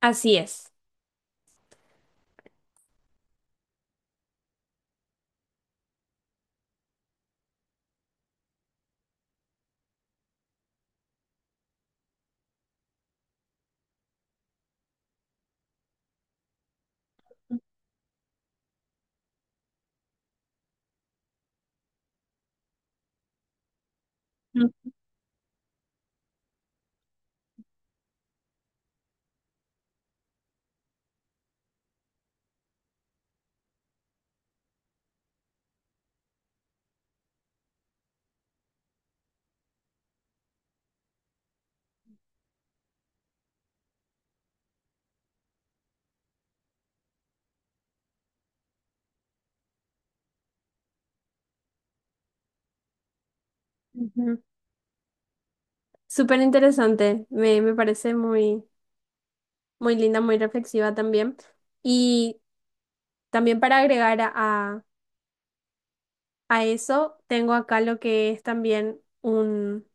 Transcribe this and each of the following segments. Así es. Ujú, ujú. Súper interesante, me parece muy, muy linda, muy reflexiva también. Y también para agregar a eso, tengo acá lo que es también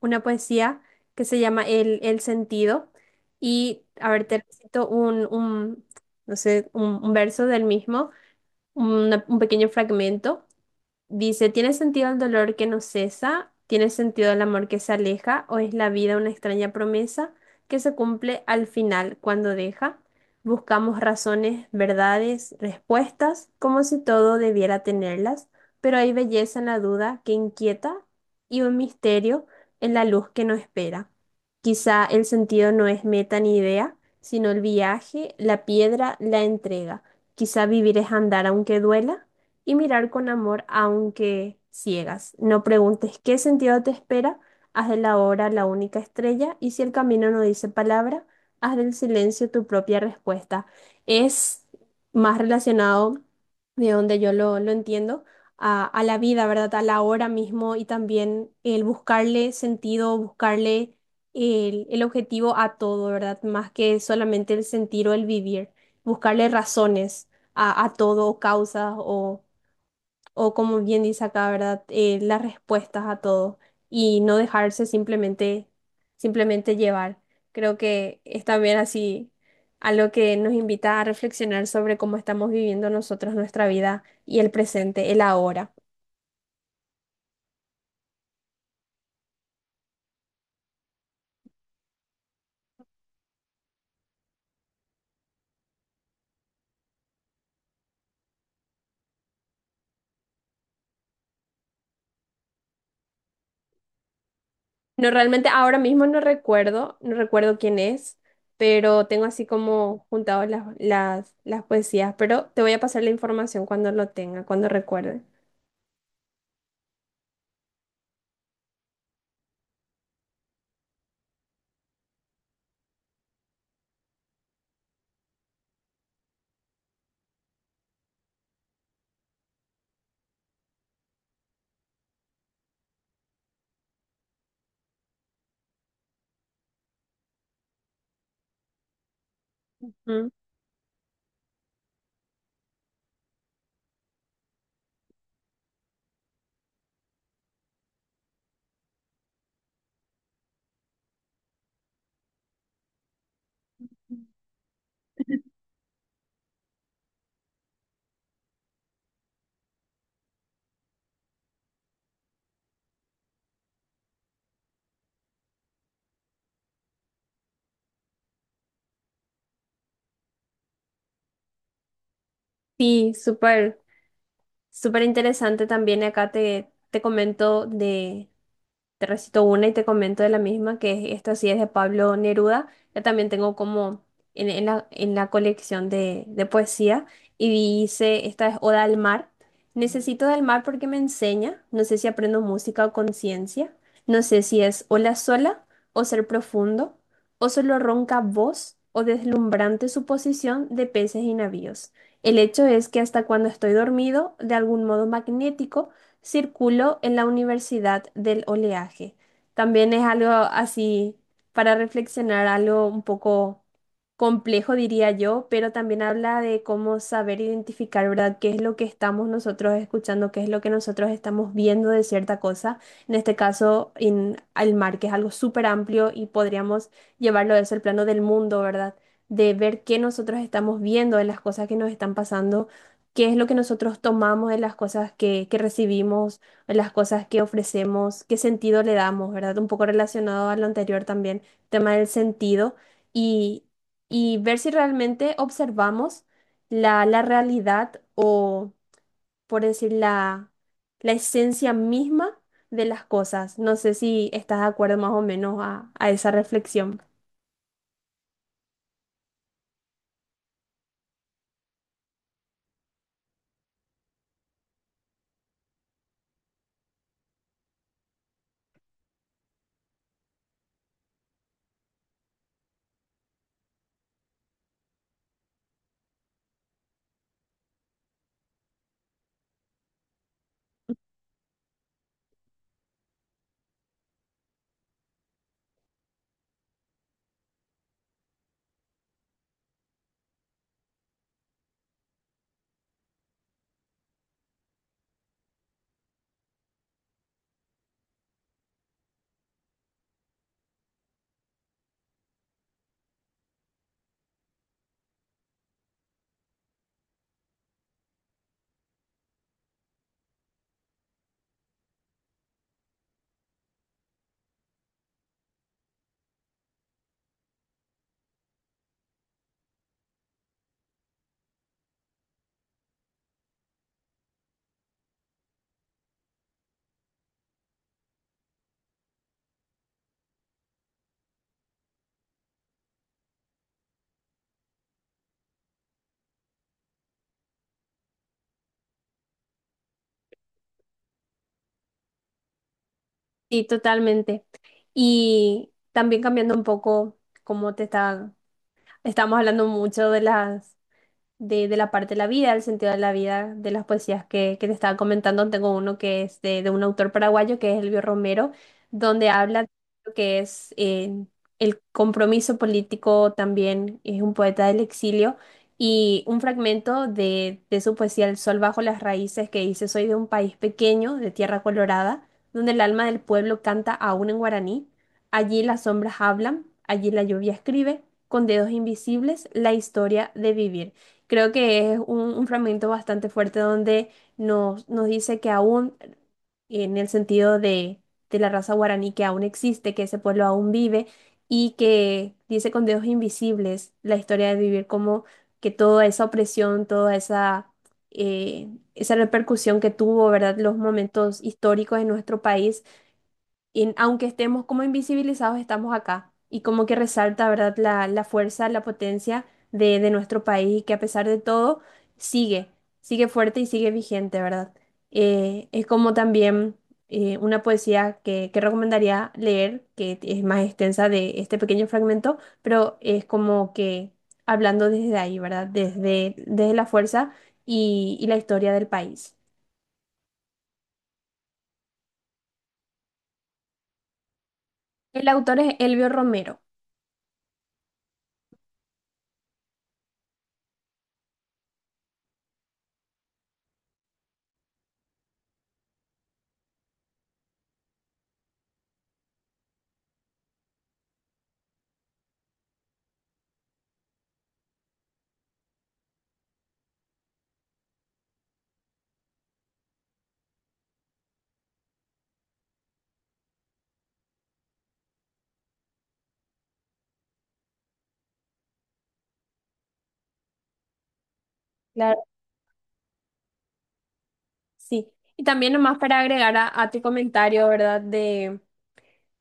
una poesía que se llama El sentido. Y a ver, te recito no sé, un verso del mismo, un pequeño fragmento. Dice, ¿tiene sentido el dolor que no cesa? ¿Tiene sentido el amor que se aleja? ¿O es la vida una extraña promesa que se cumple al final cuando deja? Buscamos razones, verdades, respuestas, como si todo debiera tenerlas, pero hay belleza en la duda que inquieta y un misterio en la luz que no espera. Quizá el sentido no es meta ni idea, sino el viaje, la piedra, la entrega. Quizá vivir es andar aunque duela y mirar con amor aunque ciegas. No preguntes qué sentido te espera, haz de la hora la única estrella y si el camino no dice palabra, haz del silencio tu propia respuesta. Es más relacionado de donde yo lo entiendo. A la vida, ¿verdad? A la hora mismo y también el buscarle sentido, buscarle el objetivo a todo, ¿verdad? Más que solamente el sentir o el vivir, buscarle razones a todo, causas o como bien dice acá, ¿verdad? Las respuestas a todo y no dejarse simplemente, simplemente llevar. Creo que es también así algo que nos invita a reflexionar sobre cómo estamos viviendo nosotros nuestra vida y el presente, el ahora. No, realmente ahora mismo no recuerdo, no recuerdo quién es, pero tengo así como juntado las poesías, pero te voy a pasar la información cuando lo tenga, cuando recuerde. Mm. Sí, súper. Súper interesante también acá te comento de, te recito una y te comento de la misma, esta sí es de Pablo Neruda. Ya también tengo como en la colección de poesía. Y dice, esta es Oda al mar. Necesito del mar porque me enseña. No sé si aprendo música o conciencia. No sé si es ola sola o ser profundo. O solo ronca voz o deslumbrante suposición de peces y navíos. El hecho es que hasta cuando estoy dormido, de algún modo magnético, circuló en la Universidad del Oleaje. También es algo así para reflexionar, algo un poco complejo, diría yo, pero también habla de cómo saber identificar, ¿verdad?, qué es lo que estamos nosotros escuchando, qué es lo que nosotros estamos viendo de cierta cosa. En este caso, en el mar, que es algo súper amplio y podríamos llevarlo a eso al plano del mundo, ¿verdad? De ver qué nosotros estamos viendo de las cosas que nos están pasando, qué es lo que nosotros tomamos de las cosas que recibimos, de las cosas que ofrecemos, qué sentido le damos, ¿verdad? Un poco relacionado a lo anterior también, tema del sentido y, y ver si realmente observamos la realidad o, por decir, la esencia misma de las cosas. No sé si estás de acuerdo más o menos a esa reflexión. Sí, totalmente. Y también cambiando un poco cómo te está. Estamos hablando mucho de las de la parte de la vida, el sentido de la vida de las poesías que te estaba comentando. Tengo uno que es de un autor paraguayo, que es Elvio Romero, donde habla de lo que es el compromiso político también, es un poeta del exilio. Y un fragmento de su poesía El sol bajo las raíces que dice, Soy de un país pequeño, de tierra colorada, donde el alma del pueblo canta aún en guaraní. Allí las sombras hablan, allí la lluvia escribe, con dedos invisibles, la historia de vivir. Creo que es un fragmento bastante fuerte donde nos dice que aún, en el sentido de la raza guaraní, que aún existe, que ese pueblo aún vive y que dice con dedos invisibles la historia de vivir, como que toda esa opresión, toda esa, eh, esa repercusión que tuvo, ¿verdad? Los momentos históricos en nuestro país, y aunque estemos como invisibilizados, estamos acá. Y como que resalta, ¿verdad?, la fuerza, la potencia de nuestro país, que a pesar de todo sigue, sigue fuerte y sigue vigente, ¿verdad? Es como también una poesía que recomendaría leer, que es más extensa de este pequeño fragmento, pero es como que hablando desde ahí, ¿verdad? Desde, desde la fuerza y la historia del país. El autor es Elvio Romero. Sí, y también nomás para agregar a tu comentario, ¿verdad?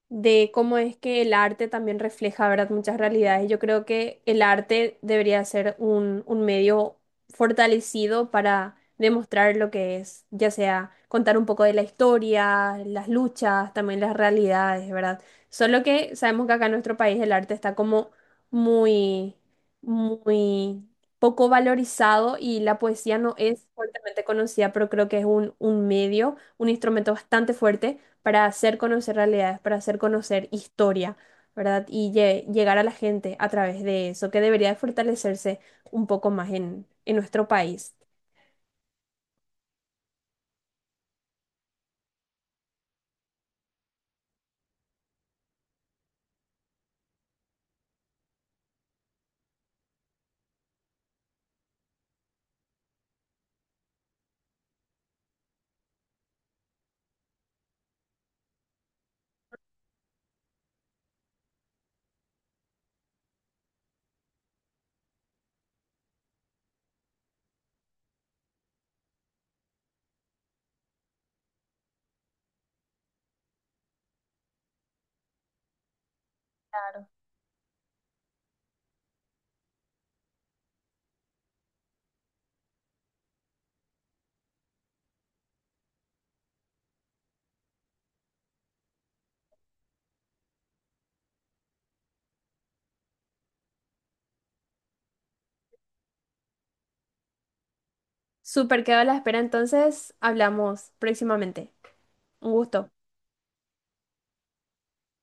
De cómo es que el arte también refleja, ¿verdad?, muchas realidades. Yo creo que el arte debería ser un medio fortalecido para demostrar lo que es, ya sea contar un poco de la historia, las luchas, también las realidades, ¿verdad? Solo que sabemos que acá en nuestro país el arte está como muy, muy poco valorizado y la poesía no es fuertemente conocida, pero creo que es un medio, un instrumento bastante fuerte para hacer conocer realidades, para hacer conocer historia, ¿verdad? Y llegar a la gente a través de eso, que debería de fortalecerse un poco más en nuestro país. Súper, quedo a la espera, entonces hablamos próximamente. Un gusto.